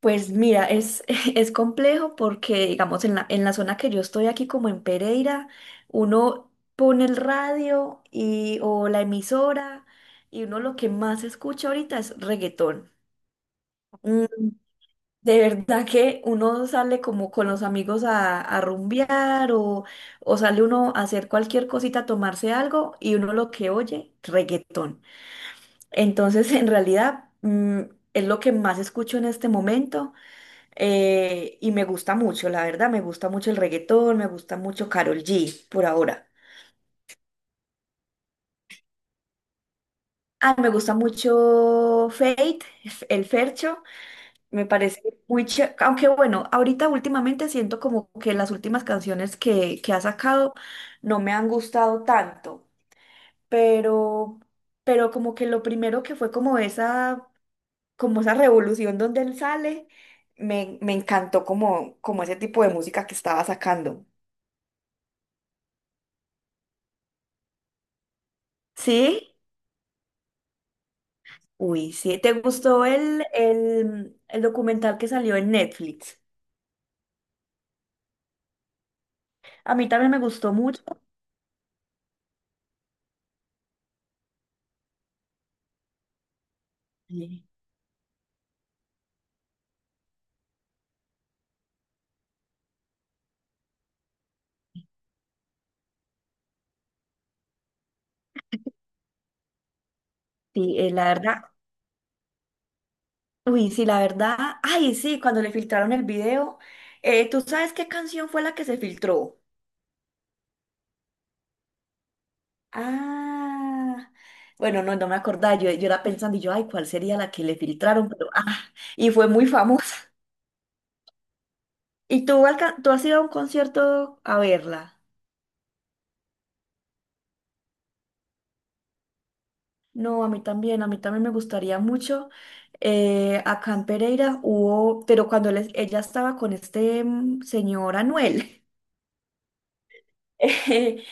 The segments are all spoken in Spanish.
Pues mira, es, es complejo porque, digamos, en la zona que yo estoy aquí, como en Pereira, uno pone el radio y, o la emisora y uno lo que más escucha ahorita es reggaetón. Mm, De verdad que uno sale como con los amigos a rumbear o sale uno a hacer cualquier cosita, a tomarse algo y uno lo que oye, reggaetón. Entonces, en realidad, es lo que más escucho en este momento, y me gusta mucho, la verdad, me gusta mucho el reggaetón, me gusta mucho Karol G por ahora. Ah, me gusta mucho Fate, el Fercho, me parece muy chévere, aunque bueno, ahorita últimamente siento como que las últimas canciones que ha sacado no me han gustado tanto, pero, pero como que lo primero que fue como esa revolución donde él sale, me encantó como, como ese tipo de música que estaba sacando. ¿Sí? Uy, sí. ¿Te gustó el documental que salió en Netflix? A mí también me gustó mucho. Sí, sí, la verdad. Uy, sí, la verdad. Ay, sí, cuando le filtraron el video. ¿Tú sabes qué canción fue la que se filtró? Ah, bueno, no, no me acordaba. Yo era pensando, y yo, ay, ¿cuál sería la que le filtraron? Pero, ah, y fue muy famosa. ¿Y tú, tú has ido a un concierto a verla? No, a mí también me gustaría mucho. Acá en Pereira hubo, pero cuando ella estaba con este señor Anuel, eh,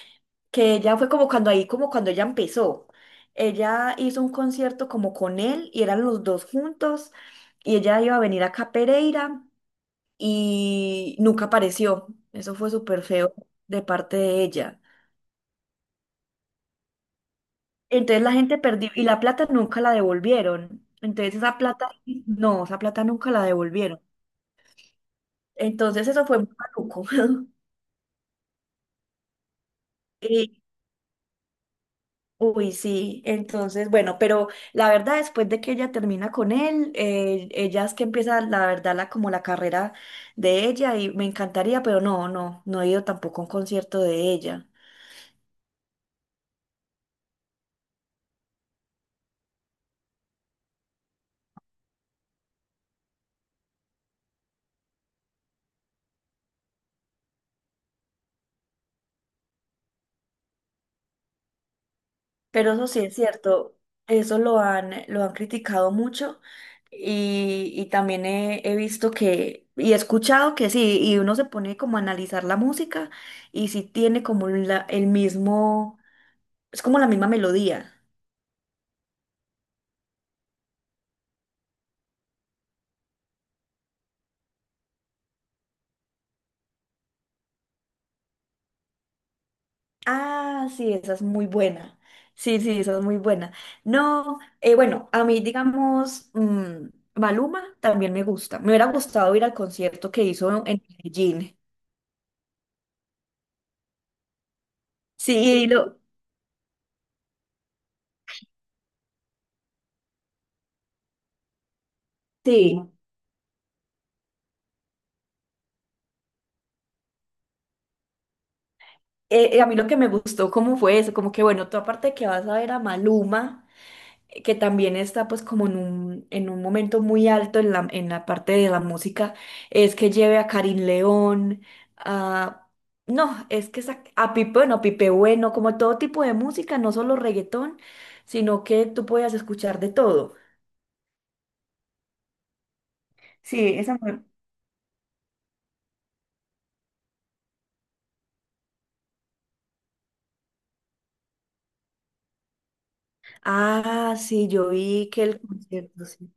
que ella fue como cuando ahí, como cuando ella empezó. Ella hizo un concierto como con él y eran los dos juntos y ella iba a venir acá a Pereira y nunca apareció. Eso fue súper feo de parte de ella. Entonces la gente perdió y la plata nunca la devolvieron. Entonces esa plata, no, esa plata nunca la devolvieron. Entonces eso fue muy maluco. Y, uy, sí, entonces, bueno, pero la verdad, después de que ella termina con él, ella es que empieza, la verdad, la, como la carrera de ella y me encantaría, pero no, no, no he ido tampoco a un concierto de ella. Pero eso sí es cierto, eso lo han criticado mucho y también he, he visto que, y he escuchado que sí, y uno se pone como a analizar la música y sí tiene como el mismo, es como la misma melodía. Ah, sí, esa es muy buena. Sí, sí, esa es muy buena. No, bueno, a mí digamos, Maluma también me gusta. Me hubiera gustado ir al concierto que hizo en Medellín. Sí, lo, sí. A mí lo que me gustó cómo fue eso, como que bueno, tú aparte de que vas a ver a Maluma, que también está pues como en un momento muy alto en la parte de la música, es que lleve a Karin León, a... No, es que a Pipe Bueno, como todo tipo de música, no solo reggaetón, sino que tú podías escuchar de todo. Sí, esa... Ah, sí, yo vi que el concierto, sí.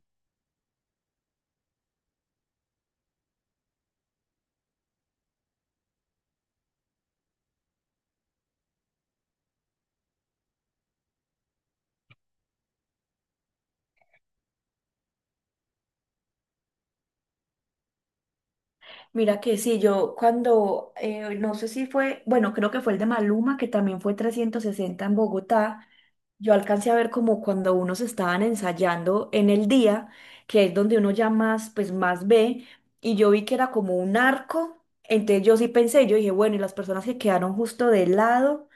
Mira que sí, yo cuando, no sé si fue, bueno, creo que fue el de Maluma, que también fue 360 en Bogotá, yo alcancé a ver como cuando unos estaban ensayando en el día, que es donde uno ya más, pues más ve, y yo vi que era como un arco, entonces yo sí pensé, yo dije, bueno, y las personas que quedaron justo del lado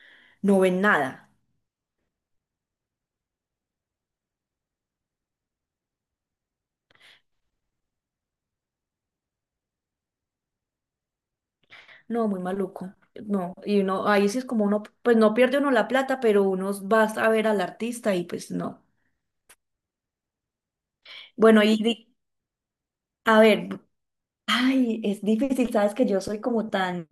no ven nada, no, muy maluco, no, y uno, ahí sí es como uno, pues no pierde uno la plata, pero uno va a ver al artista y pues no. Bueno, y a ver. Ay, es difícil, sabes que yo soy como tan,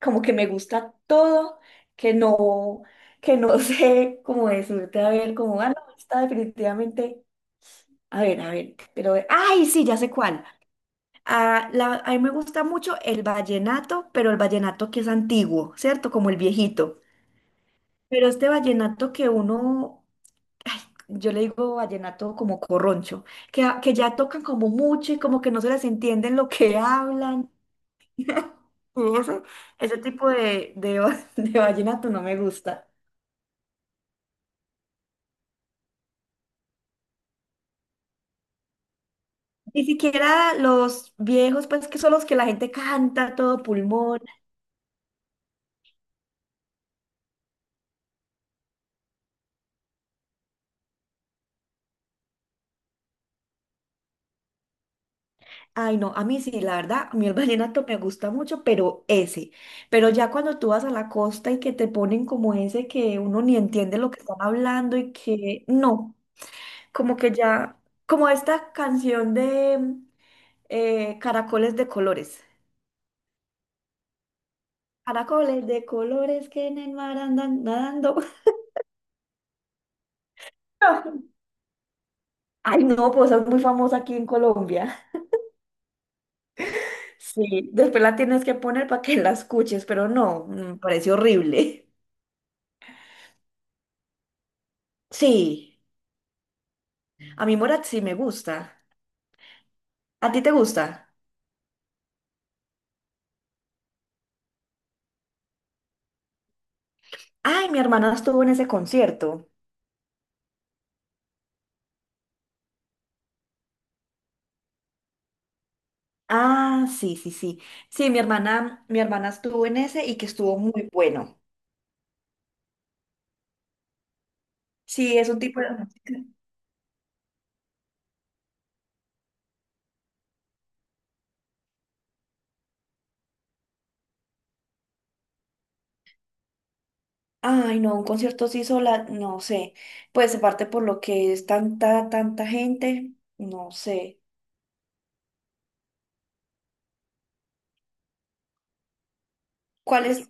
como que me gusta todo, que no, que no sé cómo decirte, a ver, como, ah, no, está definitivamente, a ver, pero, ay, sí, ya sé cuál. Ah, a mí me gusta mucho el vallenato, pero el vallenato que es antiguo, ¿cierto? Como el viejito. Pero este vallenato que uno, ay, yo le digo vallenato como corroncho, que ya tocan como mucho y como que no se les entiende lo que hablan. Y eso, ese tipo de de vallenato no me gusta. Ni siquiera los viejos, pues que son los que la gente canta a todo pulmón. Ay, no, a mí sí, la verdad, a mí el vallenato me gusta mucho, pero ese. Pero ya cuando tú vas a la costa y que te ponen como ese que uno ni entiende lo que están hablando y que no, como que ya, como esta canción de Caracoles de colores. Caracoles de colores que en el mar andan nadando. Ay, no, pues es muy famosa aquí en Colombia. Sí, después la tienes que poner para que la escuches, pero no, me parece horrible. Sí, a mí Morat sí me gusta. ¿A ti te gusta? Ay, mi hermana estuvo en ese concierto. Ah, sí, sí, sí. Sí, mi hermana estuvo en ese y que estuvo muy bueno. Sí, es un tipo de música. Ay, no, un concierto así sola, no sé. Pues aparte por lo que es tanta, tanta gente, no sé. ¿Cuál es?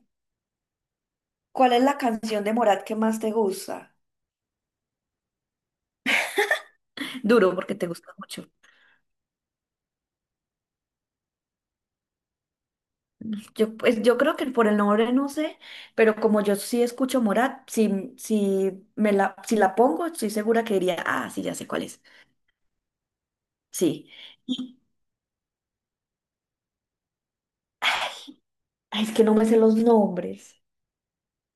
¿Cuál es la canción de Morat que más te gusta? Duro, porque te gusta mucho. Yo, pues, yo creo que por el nombre no sé, pero como yo sí escucho Morat, si, si, me la, si la pongo, estoy segura que diría, ah, sí, ya sé cuál es. Sí. Y, ay, es que no me sé los nombres.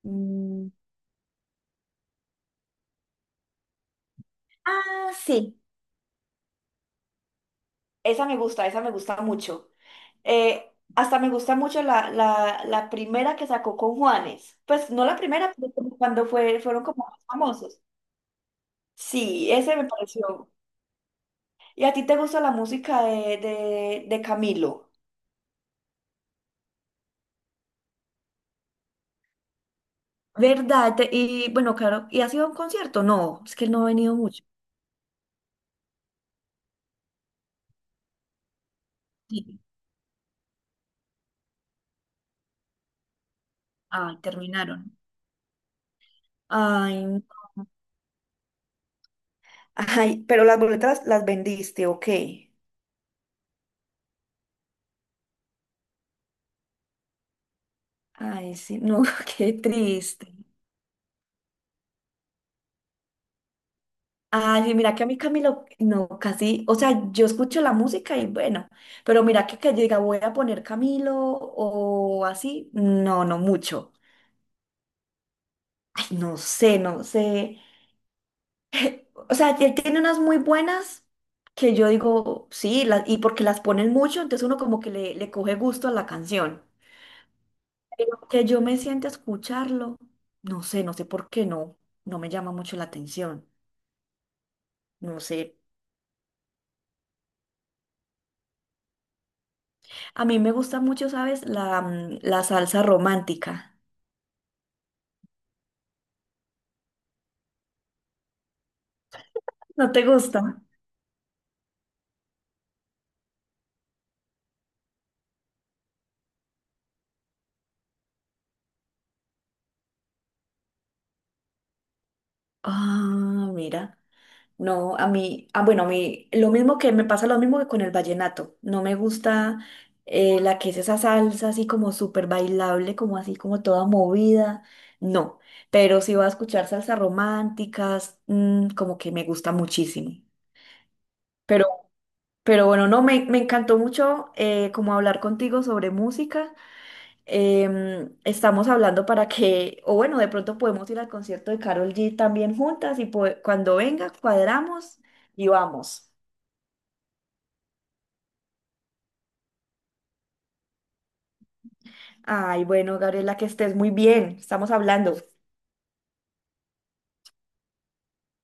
Mm, Ah, sí. Esa me gusta mucho. Hasta me gusta mucho la primera que sacó con Juanes. Pues no la primera, pero como cuando fue, fueron como más famosos. Sí, ese me pareció. ¿Y a ti te gusta la música de Camilo? ¿Verdad? Y bueno, claro, ¿y ha sido un concierto? No, es que no he venido mucho. Sí. Ay, terminaron. Ay, no. Ay, pero las boletas las vendiste, ok. Ay, sí, no, qué triste. Ay, sí, mira que a mí Camilo, no, casi, o sea, yo escucho la música y bueno, pero mira que, yo diga voy a poner Camilo o así, no, no mucho. Ay, no sé, no sé. O sea, él tiene unas muy buenas que yo digo, sí, y porque las ponen mucho, entonces uno como que le coge gusto a la canción. Pero que yo me siente a escucharlo, no sé, no sé por qué no, no me llama mucho la atención, no sé. A mí me gusta mucho, ¿sabes? La, la salsa romántica. ¿No te gusta? Ah, mira. No, a mí, ah, bueno, a mí, lo mismo que me pasa lo mismo que con el vallenato. No me gusta la que es esa salsa así como súper bailable, como así como toda movida. No, pero si va a escuchar salsas románticas, como que me gusta muchísimo. Pero, pero bueno, no, me encantó mucho como hablar contigo sobre música. Estamos hablando para que, o bueno, de pronto podemos ir al concierto de Carol G también juntas y cuando venga, cuadramos y vamos. Ay, bueno, Gabriela, que estés muy bien. Estamos hablando.